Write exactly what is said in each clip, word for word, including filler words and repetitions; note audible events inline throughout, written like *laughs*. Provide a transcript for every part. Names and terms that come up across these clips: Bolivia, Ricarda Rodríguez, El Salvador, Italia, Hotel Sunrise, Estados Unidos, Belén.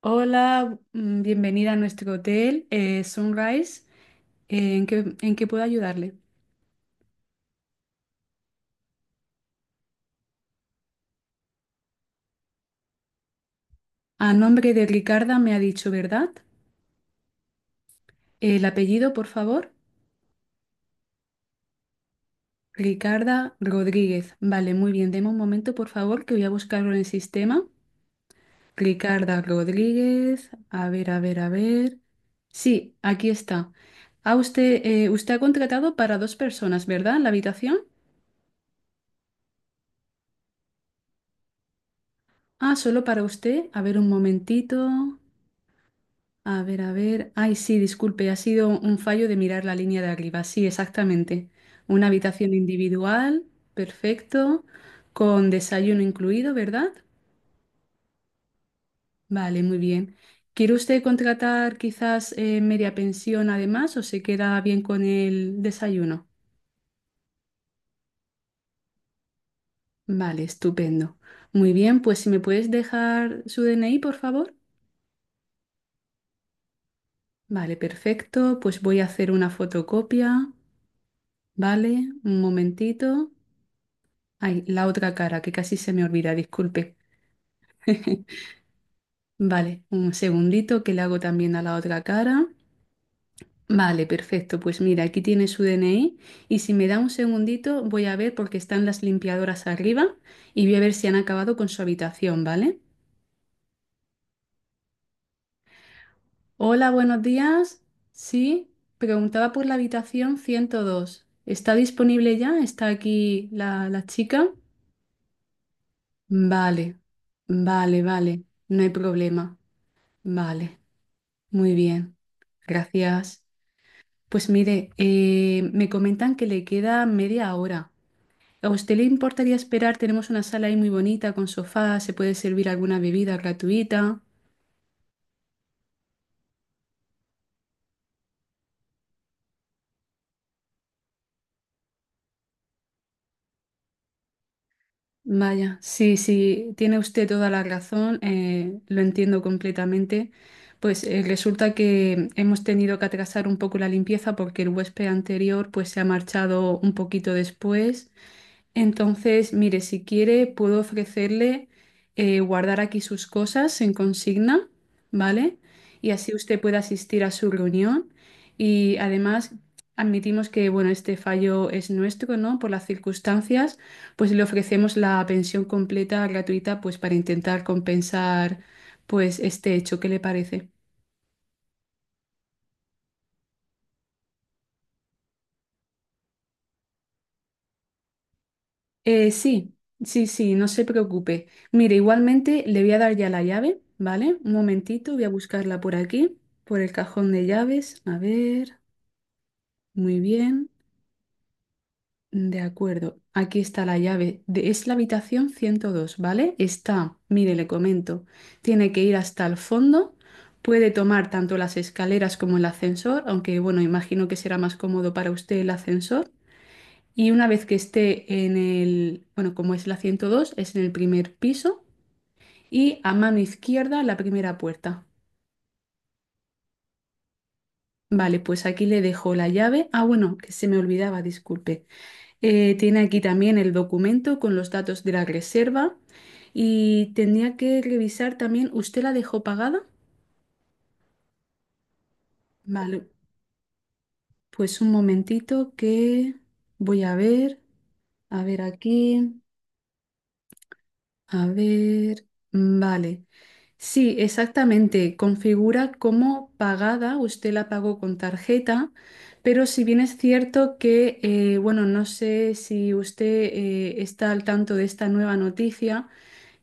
Hola, mm, bienvenida a nuestro hotel eh, Sunrise. Eh, ¿en qué, en qué puedo ayudarle? A nombre de Ricarda me ha dicho, ¿verdad? El apellido, por favor. Ricarda Rodríguez. Vale, muy bien. Deme un momento, por favor, que voy a buscarlo en el sistema. Ricarda Rodríguez. A ver, a ver, a ver. Sí, aquí está. Ah, usted, eh, usted ha contratado para dos personas, ¿verdad? La habitación. Ah, solo para usted. A ver, un momentito. A ver, a ver. Ay, sí, disculpe, ha sido un fallo de mirar la línea de arriba. Sí, exactamente. Una habitación individual, perfecto, con desayuno incluido, ¿verdad? Vale, muy bien. ¿Quiere usted contratar quizás eh, media pensión además o se queda bien con el desayuno? Vale, estupendo. Muy bien, pues si me puedes dejar su D N I, por favor. Vale, perfecto. Pues voy a hacer una fotocopia. Vale, un momentito. Ay, la otra cara, que casi se me olvida, disculpe. *laughs* Vale, un segundito que le hago también a la otra cara. Vale, perfecto. Pues mira, aquí tiene su D N I y si me da un segundito voy a ver porque están las limpiadoras arriba y voy a ver si han acabado con su habitación, ¿vale? Hola, buenos días. Sí, preguntaba por la habitación ciento dos. ¿Está disponible ya? ¿Está aquí la, la chica? Vale, vale, vale. No hay problema. Vale. Muy bien, gracias. Pues mire, eh, me comentan que le queda media hora. ¿A usted le importaría esperar? Tenemos una sala ahí muy bonita con sofá, se puede servir alguna bebida gratuita. Vaya, sí, sí, tiene usted toda la razón, eh, lo entiendo completamente. Pues eh, resulta que hemos tenido que atrasar un poco la limpieza porque el huésped anterior pues se ha marchado un poquito después. Entonces, mire, si quiere, puedo ofrecerle eh, guardar aquí sus cosas en consigna, ¿vale? Y así usted puede asistir a su reunión. Y además, admitimos que, bueno, este fallo es nuestro, ¿no? Por las circunstancias, pues le ofrecemos la pensión completa gratuita, pues para intentar compensar, pues, este hecho. ¿Qué le parece? Eh, sí, sí, sí, no se preocupe. Mire, igualmente le voy a dar ya la llave, ¿vale? Un momentito, voy a buscarla por aquí, por el cajón de llaves. A ver, muy bien. De acuerdo, aquí está la llave. de- es la habitación ciento dos, ¿vale? Está, mire, le comento, tiene que ir hasta el fondo. Puede tomar tanto las escaleras como el ascensor, aunque bueno, imagino que será más cómodo para usted el ascensor y una vez que esté en el, bueno, como es la ciento dos es en el primer piso y a mano izquierda la primera puerta. Vale, pues aquí le dejo la llave. Ah, bueno, que se me olvidaba, disculpe. Eh, tiene aquí también el documento con los datos de la reserva y tendría que revisar también, ¿usted la dejó pagada? Vale, pues un momentito que voy a ver, a ver aquí. A ver, mm, vale. Sí, exactamente. Configura como pagada, usted la pagó con tarjeta, pero si bien es cierto que, eh, bueno, no sé si usted eh, está al tanto de esta nueva noticia,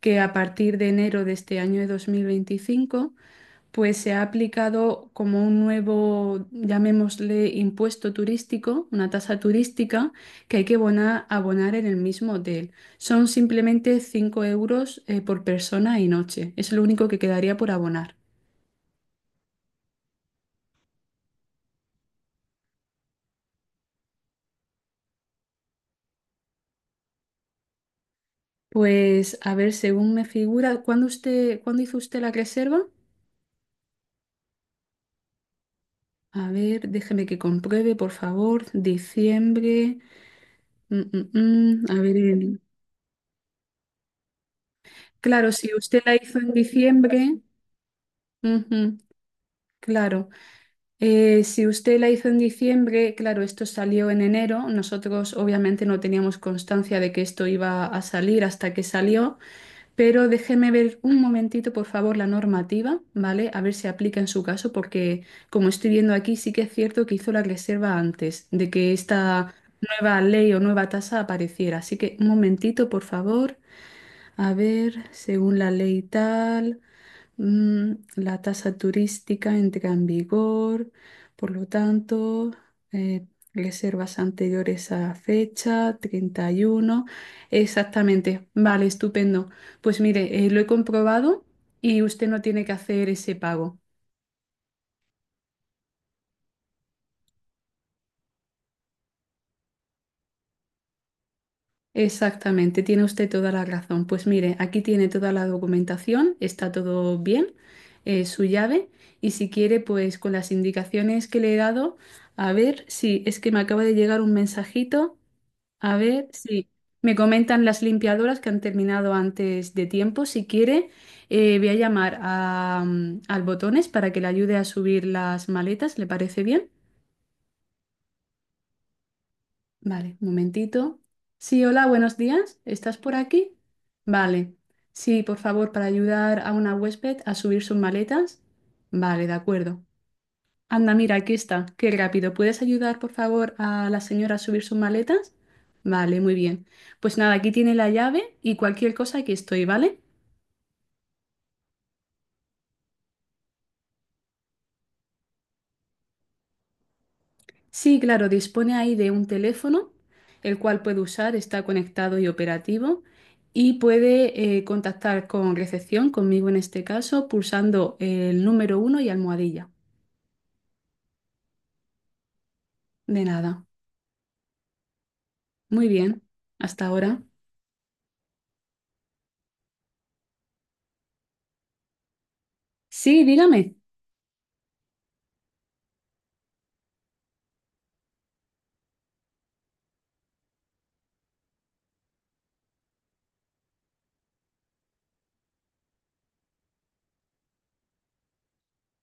que a partir de enero de este año de dos mil veinticinco pues se ha aplicado como un nuevo, llamémosle, impuesto turístico, una tasa turística que hay que bona- abonar en el mismo hotel. Son simplemente cinco euros eh, por persona y noche. Es lo único que quedaría por abonar. Pues a ver, según me figura, ¿cuándo usted, ¿cuándo hizo usted la reserva? A ver, déjeme que compruebe, por favor. Diciembre. Mm, mm, mm. A ver, en- claro, si usted la hizo en diciembre, ujú, claro. Eh, si usted la hizo en diciembre, claro, esto salió en enero. Nosotros obviamente no teníamos constancia de que esto iba a salir hasta que salió, pero déjeme ver un momentito, por favor, la normativa, ¿vale? A ver si aplica en su caso, porque como estoy viendo aquí, sí que es cierto que hizo la reserva antes de que esta nueva ley o nueva tasa apareciera. Así que un momentito, por favor. A ver, según la ley tal. Mm, la tasa turística entra en vigor, por lo tanto, eh, reservas anteriores a fecha treinta y uno. Exactamente, vale, estupendo. Pues mire, eh, lo he comprobado y usted no tiene que hacer ese pago. Exactamente, tiene usted toda la razón. Pues mire, aquí tiene toda la documentación, está todo bien, eh, su llave, y si quiere, pues con las indicaciones que le he dado, a ver si es que me acaba de llegar un mensajito, a ver si me comentan las limpiadoras que han terminado antes de tiempo. Si quiere, eh, voy a llamar a, mm, al Botones para que le ayude a subir las maletas, ¿le parece bien? Vale, un momentito. Sí, hola, buenos días. ¿Estás por aquí? Vale. Sí, por favor, para ayudar a una huésped a subir sus maletas. Vale, de acuerdo. Anda, mira, aquí está. Qué rápido. ¿Puedes ayudar, por favor, a la señora a subir sus maletas? Vale, muy bien. Pues nada, aquí tiene la llave y cualquier cosa, aquí estoy, ¿vale? Sí, claro, dispone ahí de un teléfono, el cual puede usar, está conectado y operativo, y puede eh, contactar con recepción, conmigo en este caso, pulsando el número uno y almohadilla. De nada. Muy bien, hasta ahora. Sí, dígame.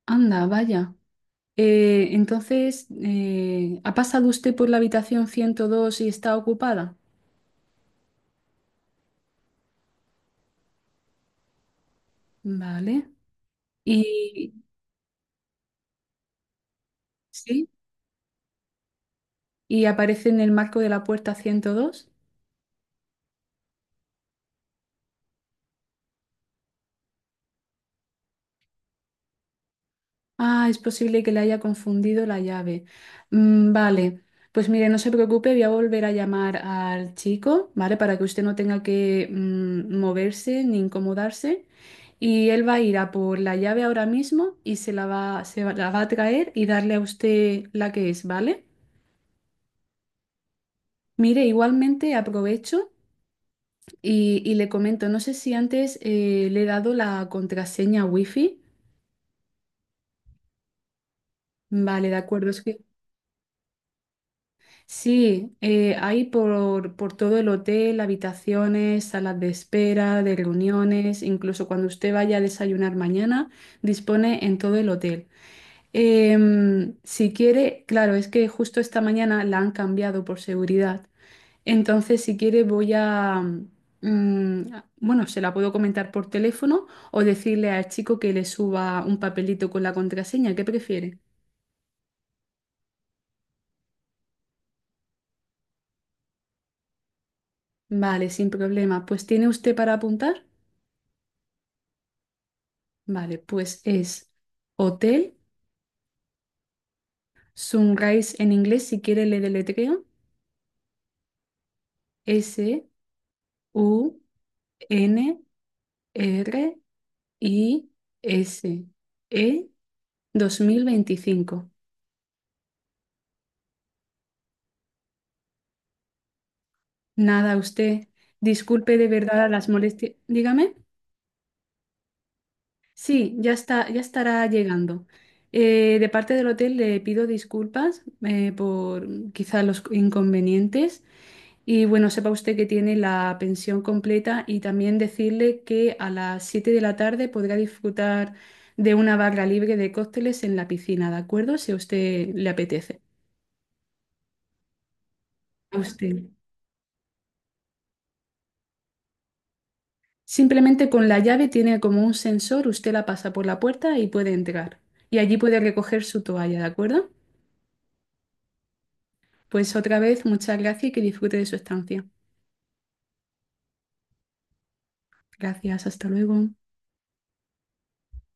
Anda, vaya. Eh, entonces, eh, ¿ha pasado usted por la habitación ciento dos y está ocupada? Vale. Y sí, y aparece en el marco de la puerta ciento dos. Ah, es posible que le haya confundido la llave. Mm, vale, pues mire, no se preocupe, voy a volver a llamar al chico, ¿vale? Para que usted no tenga que mm, moverse ni incomodarse. Y él va a ir a por la llave ahora mismo y se la va, se va- la va a traer y darle a usted la que es, ¿vale? Mire, igualmente aprovecho y, y le comento, no sé si antes eh, le he dado la contraseña wifi. Vale, de acuerdo. Sí, eh, hay por, por todo el hotel, habitaciones, salas de espera, de reuniones, incluso cuando usted vaya a desayunar mañana, dispone en todo el hotel. Em, si quiere, claro, es que justo esta mañana la han cambiado por seguridad. Entonces, si quiere, voy a, mm, bueno, se la puedo comentar por teléfono o decirle al chico que le suba un papelito con la contraseña. ¿Qué prefiere? Vale, sin problema. Pues, ¿tiene usted para apuntar? Vale, pues es Hotel Sunrise en inglés, si quiere le deletreo, S U N R I S E dos mil veinticinco. Nada, usted, disculpe de verdad las molestias. Dígame. Sí, ya está, ya estará llegando. Eh, de parte del hotel le pido disculpas eh, por quizá los inconvenientes. Y bueno, sepa usted que tiene la pensión completa y también decirle que a las siete de la tarde podrá disfrutar de una barra libre de cócteles en la piscina, ¿de acuerdo? Si a usted le apetece. A usted. Simplemente con la llave tiene como un sensor, usted la pasa por la puerta y puede entrar. Y allí puede recoger su toalla, ¿de acuerdo? Pues otra vez, muchas gracias y que disfrute de su estancia. Gracias, hasta luego.